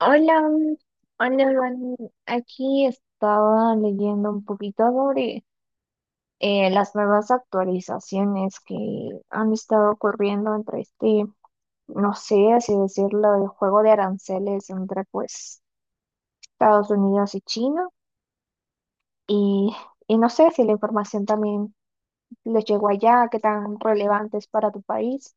Hola, mm, hola, Dani. Aquí estaba leyendo un poquito sobre las nuevas actualizaciones que han estado ocurriendo entre este, no sé, así decirlo, el juego de aranceles entre pues Estados Unidos y China. Y, y no sé si la información también les llegó allá, qué tan relevante es para tu país.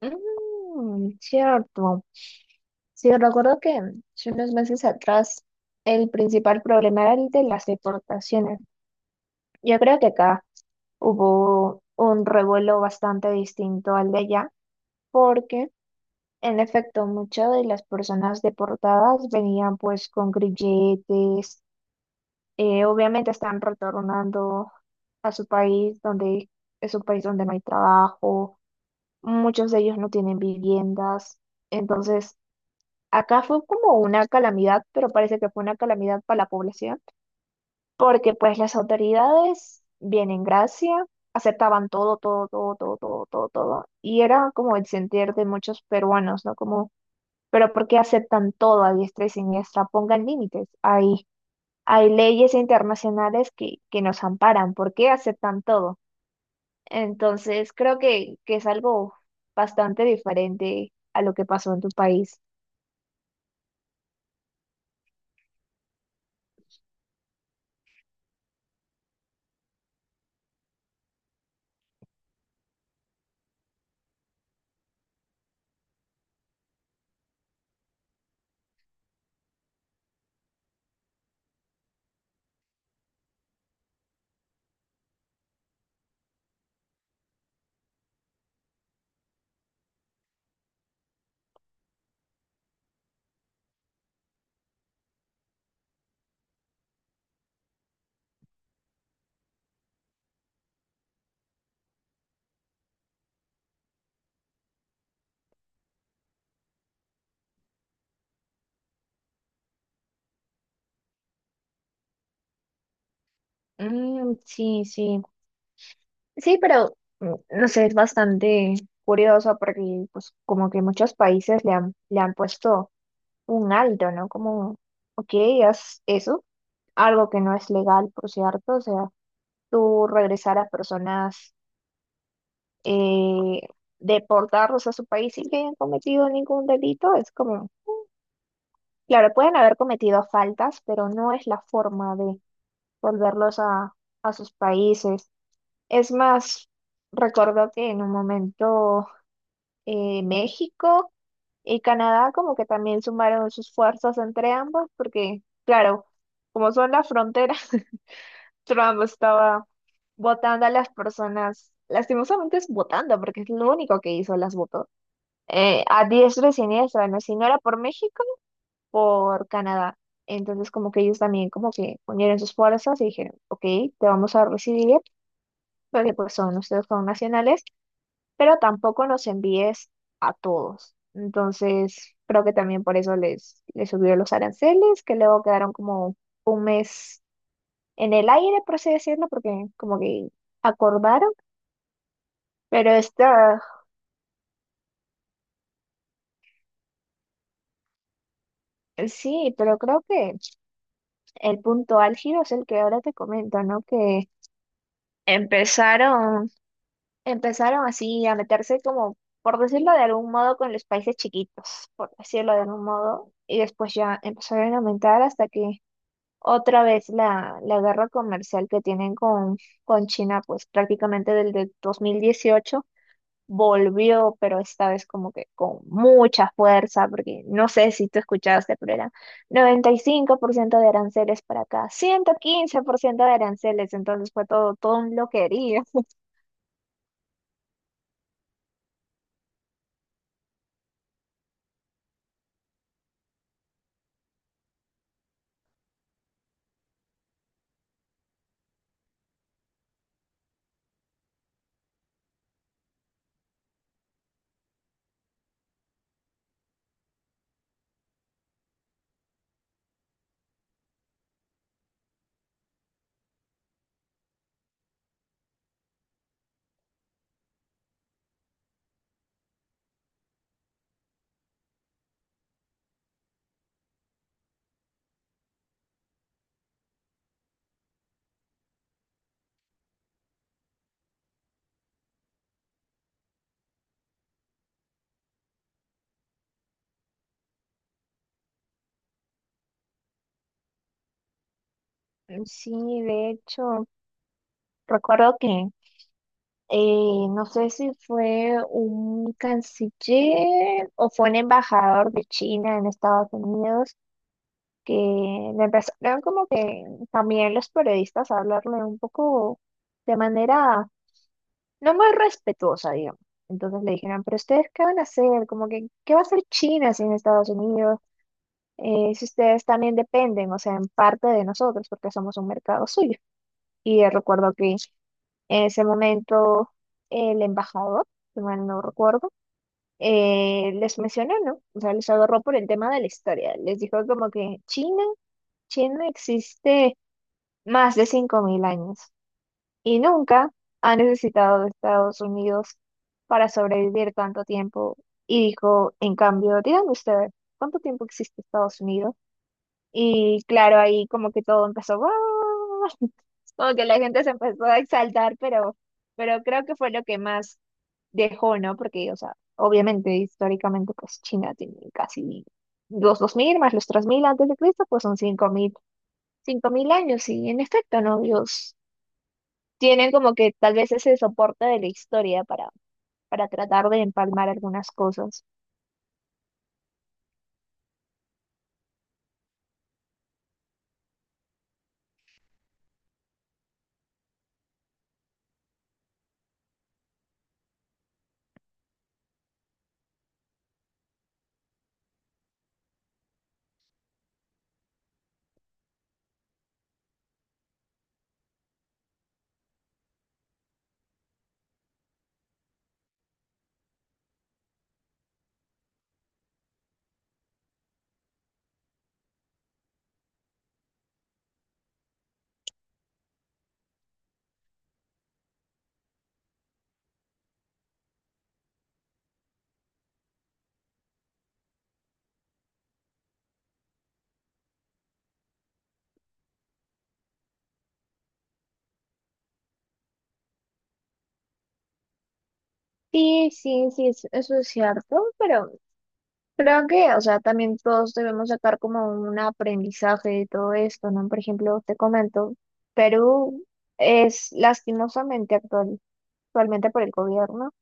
Mm, cierto. Sí, recuerdo que hace unos meses atrás el principal problema era el de las deportaciones. Yo creo que acá hubo un revuelo bastante distinto al de allá, porque en efecto muchas de las personas deportadas venían pues con grilletes, obviamente están retornando a su país donde es un país donde no hay trabajo, muchos de ellos no tienen viviendas, entonces acá fue como una calamidad, pero parece que fue una calamidad para la población, porque pues las autoridades, bien en gracia, aceptaban todo, todo, todo, todo, todo, todo, todo. Y era como el sentir de muchos peruanos, ¿no? Como, pero ¿por qué aceptan todo a diestra y siniestra? Pongan límites. Hay leyes internacionales que nos amparan. ¿Por qué aceptan todo? Entonces, creo que es algo bastante diferente a lo que pasó en tu país. Mm, sí, sí. Sí, pero mm, no sé, es bastante curioso porque pues como que muchos países le han puesto un alto, ¿no? Como, ok, haz eso, algo que no es legal, por cierto, o sea, tú regresar a personas, eh, deportarlos a su país sin que hayan cometido ningún delito, es como, claro, pueden haber cometido faltas, pero no es la forma de volverlos a sus países. Es más, recuerdo que en un momento, México y Canadá como que también sumaron sus fuerzas entre ambos, porque claro, como son las fronteras, Trump estaba votando a las personas, lastimosamente es votando, porque es lo único que hizo, las votó, a diestra y siniestra, ¿no? Si no era por México, por Canadá. Entonces como que ellos también como que unieron sus fuerzas y dijeron, ok, te vamos a recibir, porque pues son ustedes con pero tampoco nos envíes a todos. Entonces, creo que también por eso les subió los aranceles, que luego quedaron como un mes en el aire, por así decirlo, porque como que acordaron, pero está, sí, pero creo que el punto álgido es el que ahora te comento, ¿no? Que empezaron, empezaron así a meterse como, por decirlo de algún modo, con los países chiquitos, por decirlo de algún modo, y después ya empezaron a aumentar hasta que otra vez la guerra comercial que tienen con China, pues prácticamente desde 2018 volvió, pero esta vez como que con mucha fuerza, porque no sé si tú escuchaste, pero era 95% de aranceles para acá, 115% de aranceles, entonces fue todo, todo un loquerío. Sí, de hecho, recuerdo que no sé si fue un canciller o fue un embajador de China en Estados Unidos que le empezaron como que también los periodistas a hablarle un poco de manera no muy respetuosa, digamos. Entonces le dijeron, pero ustedes, ¿qué van a hacer? Como que, ¿qué va a hacer China sin Estados Unidos? Si ustedes también dependen, o sea, en parte de nosotros, porque somos un mercado suyo. Y recuerdo que en ese momento el embajador, si mal no recuerdo, les mencionó, ¿no? O sea, les agarró por el tema de la historia. Les dijo como que China existe más de 5000 años y nunca ha necesitado de Estados Unidos para sobrevivir tanto tiempo. Y dijo, en cambio, díganme ustedes, ¿cuánto tiempo existe Estados Unidos? Y claro, ahí como que todo empezó, "¡Guau!". Como que la gente se empezó a exaltar, pero creo que fue lo que más dejó, ¿no? Porque, o sea, obviamente históricamente pues China tiene casi los 2000 más los 3000 antes de Cristo, pues son cinco mil años y en efecto, ¿no? Ellos tienen como que tal vez ese soporte de la historia para tratar de empalmar algunas cosas. Sí, sí, sí, es- eso es cierto, pero creo que, o sea, también todos debemos sacar como un aprendizaje de todo esto, ¿no? Por ejemplo, te comento, Perú es lastimosamente actual, actualmente por el gobierno,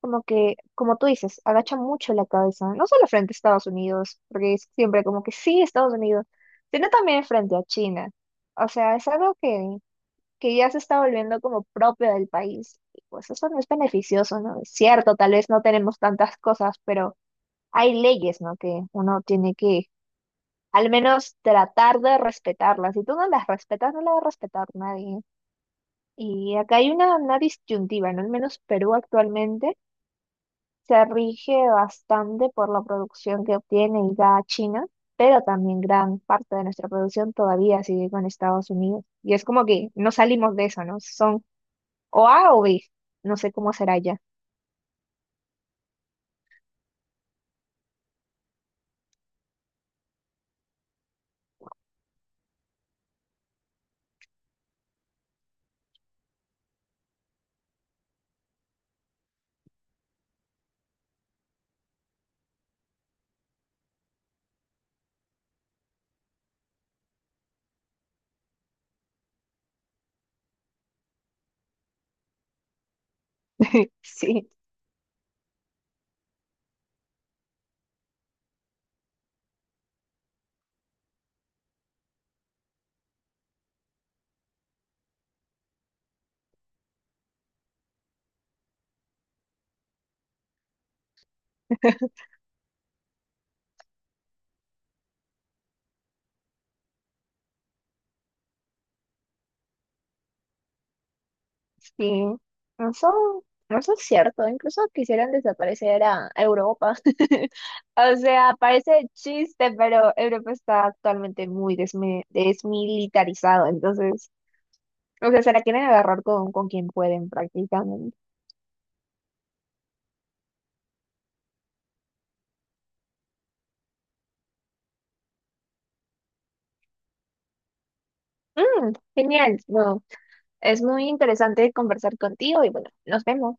como que, como tú dices, agacha mucho la cabeza, no solo frente a Estados Unidos, porque es siempre como que sí, Estados Unidos, sino también frente a China. O sea, es algo que ya se está volviendo como propio del país. Y pues eso no es beneficioso, ¿no? Es cierto, tal vez no tenemos tantas cosas, pero hay leyes, ¿no? Que uno tiene que al menos tratar de respetarlas. Si tú no las respetas, no las va a respetar nadie. Y acá hay una disyuntiva, ¿no? Al menos Perú actualmente se rige bastante por la producción que obtiene y da China, pero también gran parte de nuestra producción todavía sigue con Estados Unidos. Y es como que no salimos de eso, ¿no? Son O A o B. No sé cómo será ya. Sí, sí. No son, no son cierto. Incluso quisieran desaparecer a Europa. O sea, parece chiste, pero Europa está actualmente muy desmi- desmilitarizado. Entonces, o sea, se la quieren agarrar con quien pueden prácticamente. Mm, genial. No, es muy interesante conversar contigo y bueno, nos vemos.